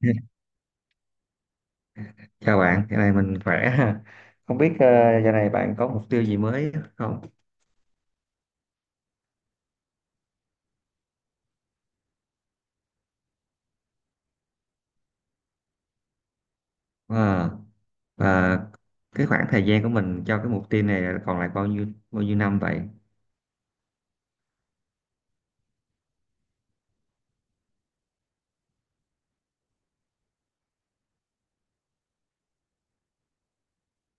Chào bạn, giờ này mình khỏe ha. Không biết giờ này bạn có mục tiêu gì mới không? Ờ, và cái khoảng thời gian của mình cho cái mục tiêu này là còn lại bao nhiêu năm vậy?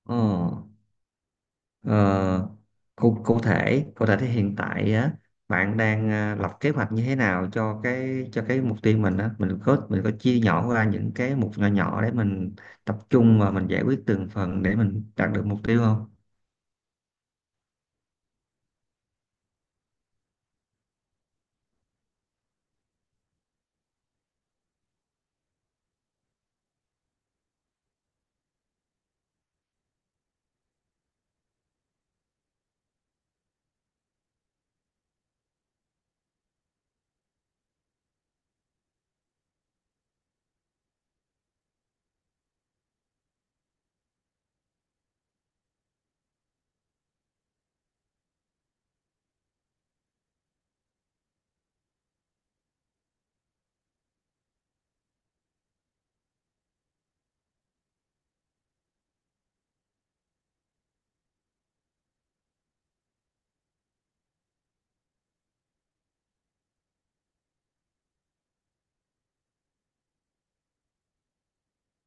Ờ, ờ, cụ thể thì hiện tại á, bạn đang lập kế hoạch như thế nào cho cái mục tiêu mình á? Mình có chia nhỏ ra những cái mục nhỏ nhỏ để mình tập trung và mình giải quyết từng phần để mình đạt được mục tiêu không?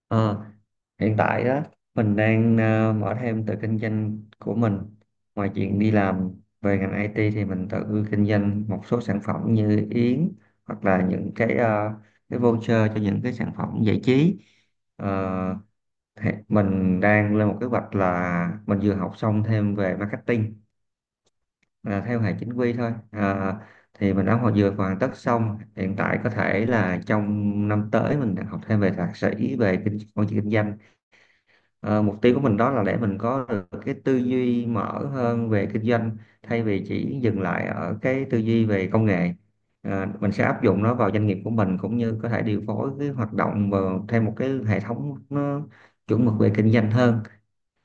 Ờ, Hiện tại á, mình đang mở thêm tự kinh doanh của mình. Ngoài chuyện đi làm về ngành IT thì mình tự kinh doanh một số sản phẩm như yến, hoặc là những cái, cái voucher cho những cái sản phẩm giải trí. Ờ, thì mình đang lên một kế hoạch là mình vừa học xong thêm về marketing, là theo hệ chính quy thôi. Ờ, thì mình đã vừa hoàn tất xong. Hiện tại có thể là trong năm tới mình đang học thêm về thạc sĩ về quản trị kinh doanh. Ờ, Mục tiêu của mình đó là để mình có được cái tư duy mở hơn về kinh doanh, thay vì chỉ dừng lại ở cái tư duy về công nghệ. Mình sẽ áp dụng nó vào doanh nghiệp của mình, cũng như có thể điều phối cái hoạt động vào theo một cái hệ thống nó chuẩn mực về kinh doanh hơn.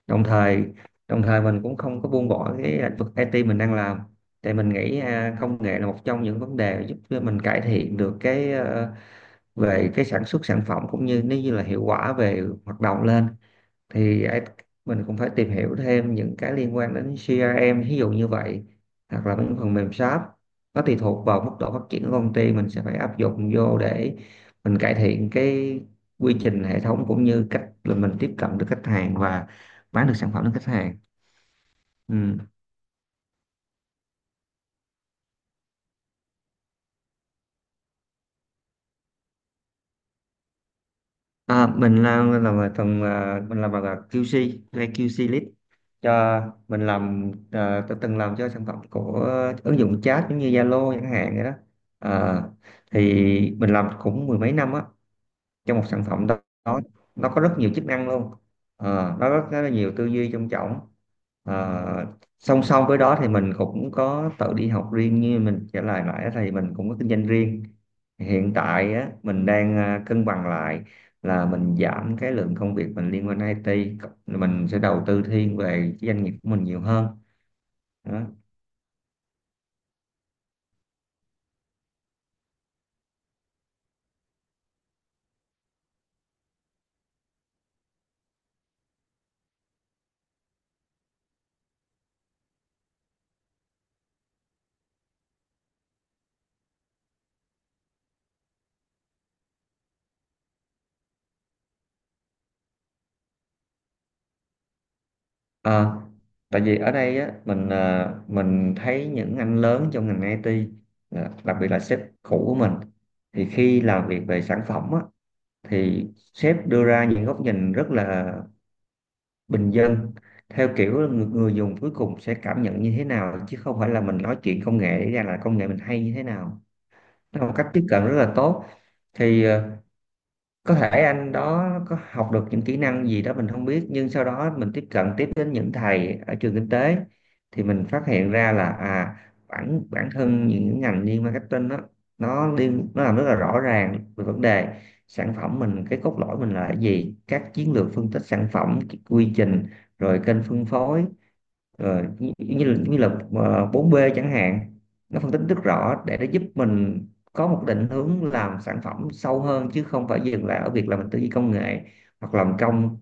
Đồng thời đồng thời mình cũng không có buông bỏ cái lĩnh vực IT mình đang làm. Tại mình nghĩ à, công nghệ là một trong những vấn đề giúp cho mình cải thiện được cái, về cái sản xuất sản phẩm, cũng như nếu như là hiệu quả về hoạt động lên, thì mình cũng phải tìm hiểu thêm những cái liên quan đến CRM, ví dụ như vậy, hoặc là những phần mềm shop. Nó tùy thuộc vào mức độ phát triển của công ty, mình sẽ phải áp dụng vô để mình cải thiện cái quy trình hệ thống, cũng như cách là mình tiếp cận được khách hàng và bán được sản phẩm đến khách hàng. Ừ. À, mình làm ở phần à, mình làm bằng QC hay QC lead cho. Mình làm à, tôi từng làm cho sản phẩm của ứng dụng chat giống như Zalo chẳng hạn vậy đó à. Thì mình làm cũng mười mấy năm á, cho một sản phẩm đó. Đó, nó có rất nhiều chức năng luôn à, nó rất, rất là nhiều tư duy trong trọng. Ờ, Song song với đó thì mình cũng có tự đi học riêng, như mình trả lời nãy thì mình cũng có kinh doanh riêng. Hiện tại á, mình đang à, cân bằng lại, là mình giảm cái lượng công việc mình liên quan đến IT, mình sẽ đầu tư thiên về cái doanh nghiệp của mình nhiều hơn đó. Ờ, Tại vì ở đây á, mình à, mình thấy những anh lớn trong ngành IT, à, đặc biệt là sếp cũ của mình, thì khi làm việc về sản phẩm á, thì sếp đưa ra những góc nhìn rất là bình dân, theo kiểu là người dùng cuối cùng sẽ cảm nhận như thế nào, chứ không phải là mình nói chuyện công nghệ để ra là công nghệ mình hay như thế nào. Nó là một cách tiếp cận rất là tốt. Thì có thể anh đó có học được những kỹ năng gì đó mình không biết, nhưng sau đó mình tiếp cận tiếp đến những thầy ở trường kinh tế, thì mình phát hiện ra là, à, bản bản thân những ngành như marketing đó, nó liên, nó làm rất là rõ ràng về vấn đề sản phẩm mình, cái cốt lõi mình là cái gì, các chiến lược phân tích sản phẩm, quy trình, rồi kênh phân phối, như là 4B chẳng hạn. Nó phân tích rất rõ để nó giúp mình có một định hướng làm sản phẩm sâu hơn, chứ không phải dừng lại ở việc là mình tư duy công nghệ, hoặc làm công.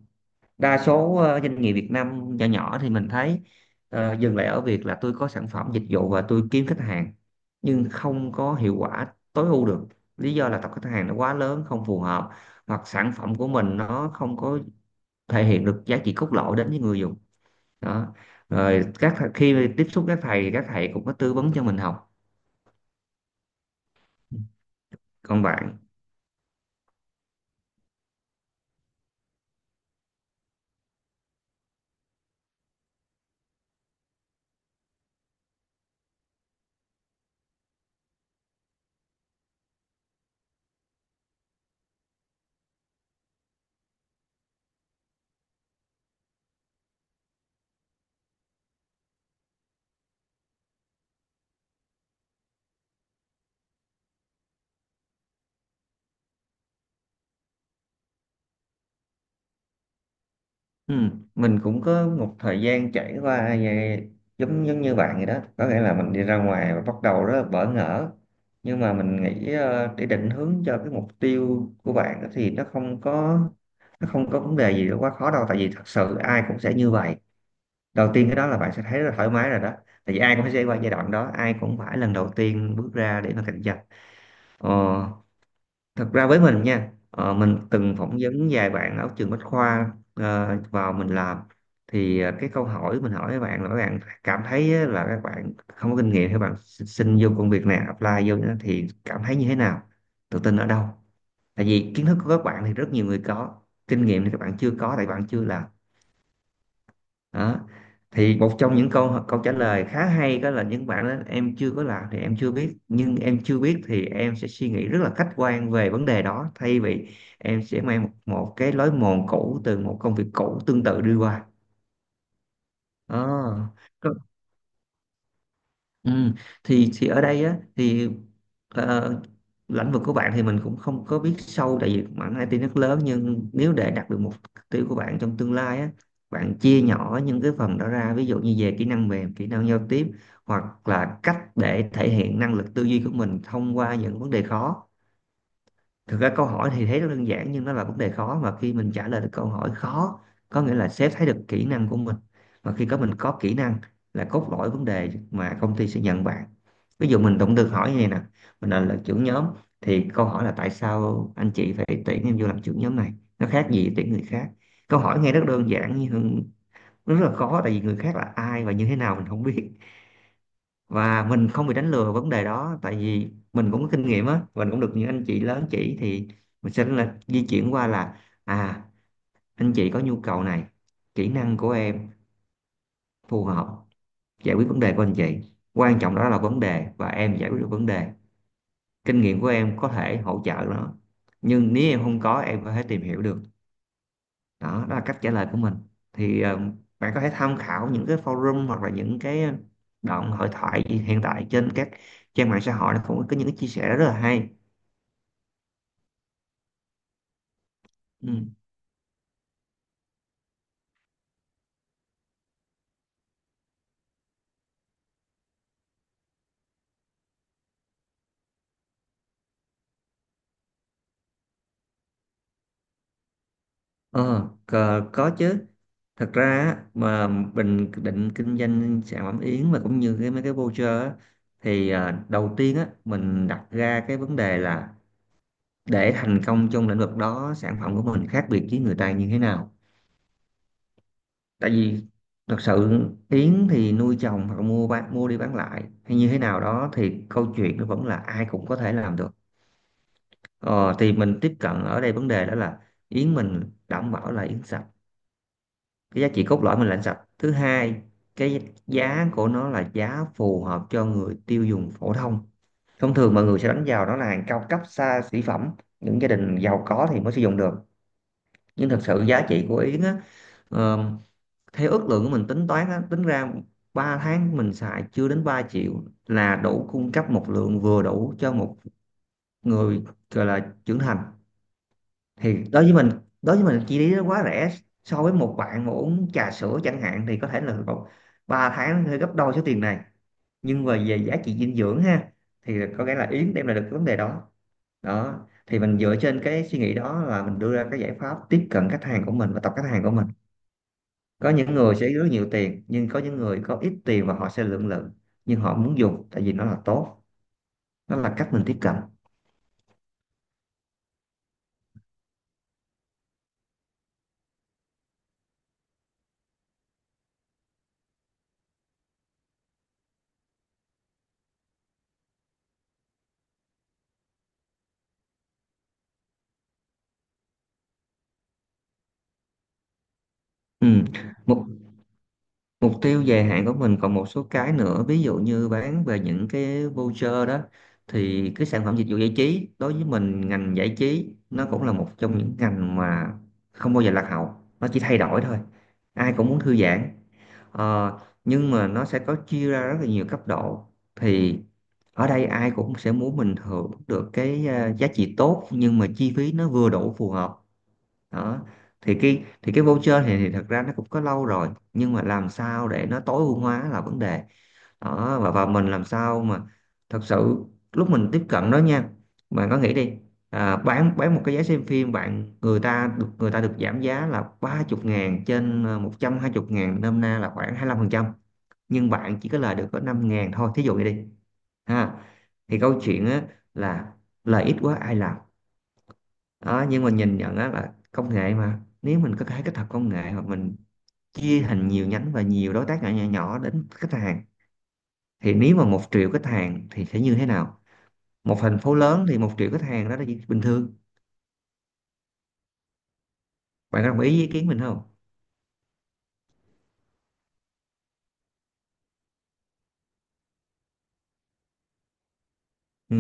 Đa số doanh nghiệp Việt Nam nhỏ nhỏ thì mình thấy dừng lại ở việc là tôi có sản phẩm dịch vụ và tôi kiếm khách hàng, nhưng không có hiệu quả tối ưu được. Lý do là tập khách hàng nó quá lớn, không phù hợp, hoặc sản phẩm của mình nó không có thể hiện được giá trị cốt lõi đến với người dùng. Đó, rồi khi tiếp xúc các thầy thì các thầy cũng có tư vấn cho mình học. Còn bạn? Ừ, mình cũng có một thời gian trải qua về, giống giống như bạn vậy đó, có nghĩa là mình đi ra ngoài và bắt đầu rất là bỡ ngỡ. Nhưng mà mình nghĩ để định hướng cho cái mục tiêu của bạn á, thì nó không có, nó không có vấn đề gì quá khó đâu, tại vì thật sự ai cũng sẽ như vậy. Đầu tiên cái đó là bạn sẽ thấy rất là thoải mái rồi đó, tại vì ai cũng sẽ qua giai đoạn đó, ai cũng phải lần đầu tiên bước ra để mà cạnh tranh. ờ Thật ra với mình nha, mình từng, ừ, phỏng vấn vài bạn ở trường Bách Khoa vào mình làm. Thì cái câu hỏi mình hỏi các bạn là, các bạn cảm thấy á, là các bạn không có kinh nghiệm, các bạn xin vô công việc này, apply vô đó, thì cảm thấy như thế nào, tự tin ở đâu? Tại vì kiến thức của các bạn thì rất nhiều người có, kinh nghiệm thì các bạn chưa có, tại bạn chưa làm. Đó, thì một trong những câu câu trả lời khá hay đó là, những bạn đó: em chưa có làm thì em chưa biết, nhưng em chưa biết thì em sẽ suy nghĩ rất là khách quan về vấn đề đó, thay vì em sẽ mang một cái lối mòn cũ từ một công việc cũ tương tự đi qua. Ờ. Ừ. Thì ở đây á, thì ờ, lĩnh vực của bạn thì mình cũng không có biết sâu, tại vì mảng IT rất lớn, nhưng nếu để đạt được mục tiêu của bạn trong tương lai á, bạn chia nhỏ những cái phần đó ra, ví dụ như về kỹ năng mềm, kỹ năng giao tiếp, hoặc là cách để thể hiện năng lực tư duy của mình thông qua những vấn đề khó. Thực ra câu hỏi thì thấy rất đơn giản nhưng nó là vấn đề khó, và khi mình trả lời được câu hỏi khó, có nghĩa là sếp thấy được kỹ năng của mình, mà khi có mình có kỹ năng là cốt lõi vấn đề mà công ty sẽ nhận bạn. Ví dụ mình cũng được hỏi như này nè: mình là trưởng nhóm, thì câu hỏi là tại sao anh chị phải tuyển em vô làm trưởng nhóm này, nó khác gì tuyển người khác? Câu hỏi nghe rất đơn giản nhưng nó rất là khó, tại vì người khác là ai và như thế nào mình không biết, và mình không bị đánh lừa vấn đề đó. Tại vì mình cũng có kinh nghiệm á, mình cũng được những anh chị lớn chỉ, thì mình sẽ là di chuyển qua là, à, anh chị có nhu cầu này, kỹ năng của em phù hợp, giải quyết vấn đề của anh chị. Quan trọng đó là vấn đề và em giải quyết được vấn đề, kinh nghiệm của em có thể hỗ trợ nó, nhưng nếu em không có, em có thể tìm hiểu được. Đó, đó là cách trả lời của mình. Thì bạn có thể tham khảo những cái forum, hoặc là những cái đoạn hội thoại hiện tại trên các trang mạng xã hội, nó cũng có những cái chia sẻ rất là hay. Ừ. ờ có, có chứ. Thật ra á, mà mình định kinh doanh sản phẩm yến mà cũng như cái mấy cái voucher á, thì đầu tiên á mình đặt ra cái vấn đề là để thành công trong lĩnh vực đó sản phẩm của mình khác biệt với người ta như thế nào. Tại vì thật sự Yến thì nuôi trồng hoặc mua bán mua đi bán lại hay như thế nào đó thì câu chuyện nó vẫn là ai cũng có thể làm được. Ờ, thì mình tiếp cận ở đây vấn đề đó là Yến mình đảm bảo là Yến sạch. Cái giá trị cốt lõi mình là Yến sạch. Thứ hai, cái giá của nó là giá phù hợp cho người tiêu dùng phổ thông. Thông thường mọi người sẽ đánh vào đó là hàng cao cấp xa xỉ phẩm, những gia đình giàu có thì mới sử dụng được. Nhưng thật sự giá trị của Yến á, theo ước lượng của mình tính toán á, tính ra 3 tháng mình xài chưa đến 3 triệu là đủ cung cấp một lượng vừa đủ cho một người gọi là trưởng thành. Thì đối với mình, đối với mình chi phí nó quá rẻ. So với một bạn mà uống trà sữa chẳng hạn thì có thể là 3 tháng hơi gấp đôi số tiền này, nhưng mà về giá trị dinh dưỡng ha, thì có nghĩa là Yến đem lại được cái vấn đề đó. Đó, thì mình dựa trên cái suy nghĩ đó là mình đưa ra cái giải pháp tiếp cận khách hàng của mình và tập khách hàng của mình. Có những người sẽ rất nhiều tiền, nhưng có những người có ít tiền và họ sẽ lưỡng lự, nhưng họ muốn dùng tại vì nó là tốt. Nó là cách mình tiếp cận. Ừ. mục mục tiêu dài hạn của mình còn một số cái nữa, ví dụ như bán về những cái voucher đó thì cái sản phẩm dịch vụ giải trí, đối với mình ngành giải trí nó cũng là một trong những ngành mà không bao giờ lạc hậu, nó chỉ thay đổi thôi. Ai cũng muốn thư giãn. Ờ, nhưng mà nó sẽ có chia ra rất là nhiều cấp độ. Thì ở đây ai cũng sẽ muốn mình hưởng được cái giá trị tốt nhưng mà chi phí nó vừa đủ phù hợp. Đó, thì cái voucher thì thật ra nó cũng có lâu rồi, nhưng mà làm sao để nó tối ưu hóa là vấn đề. Đó và mình làm sao mà thật sự lúc mình tiếp cận đó nha. Bạn có nghĩ đi, bán một cái vé xem phim bạn, người ta được giảm giá là 30 ngàn trên một trăm hai 120 ngàn, nôm na là khoảng 25%, nhưng bạn chỉ có lời được có 5 ngàn thôi, thí dụ như đi, ha. Thì câu chuyện á, là lời ít quá ai làm. Đó, nhưng mà nhìn nhận á, là công nghệ mà nếu mình có thể kết hợp công nghệ hoặc mình chia thành nhiều nhánh và nhiều đối tác nhỏ nhỏ, nhỏ đến khách hàng, thì nếu mà 1 triệu khách hàng thì sẽ như thế nào. Một thành phố lớn thì 1 triệu khách hàng đó là chuyện bình thường. Bạn có đồng ý với ý kiến mình không? Ừ.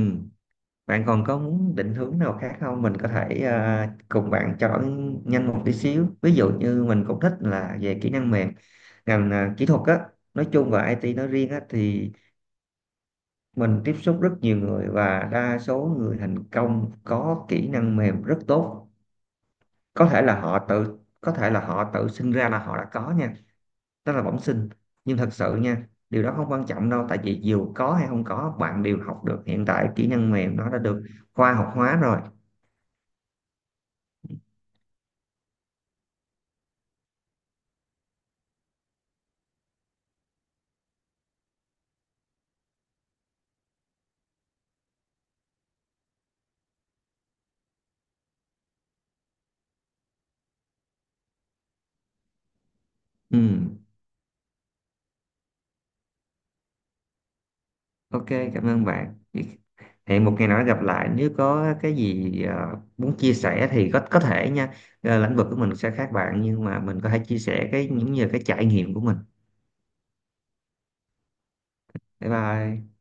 Bạn còn có muốn định hướng nào khác không, mình có thể cùng bạn chọn nhanh một tí xíu. Ví dụ như mình cũng thích là về kỹ năng mềm, ngành kỹ thuật á nói chung và IT nói riêng á, thì mình tiếp xúc rất nhiều người và đa số người thành công có kỹ năng mềm rất tốt. Có thể là họ tự sinh ra là họ đã có nha, đó là bẩm sinh. Nhưng thật sự nha điều đó không quan trọng đâu, tại vì dù có hay không có bạn đều học được. Hiện tại kỹ năng mềm nó đã được khoa học hóa rồi. Ừ. Ok, cảm ơn bạn. Hẹn một ngày nào đó gặp lại, nếu có cái gì muốn chia sẻ thì có thể nha. Lĩnh vực của mình sẽ khác bạn nhưng mà mình có thể chia sẻ cái những như cái trải nghiệm của mình. Bye bye.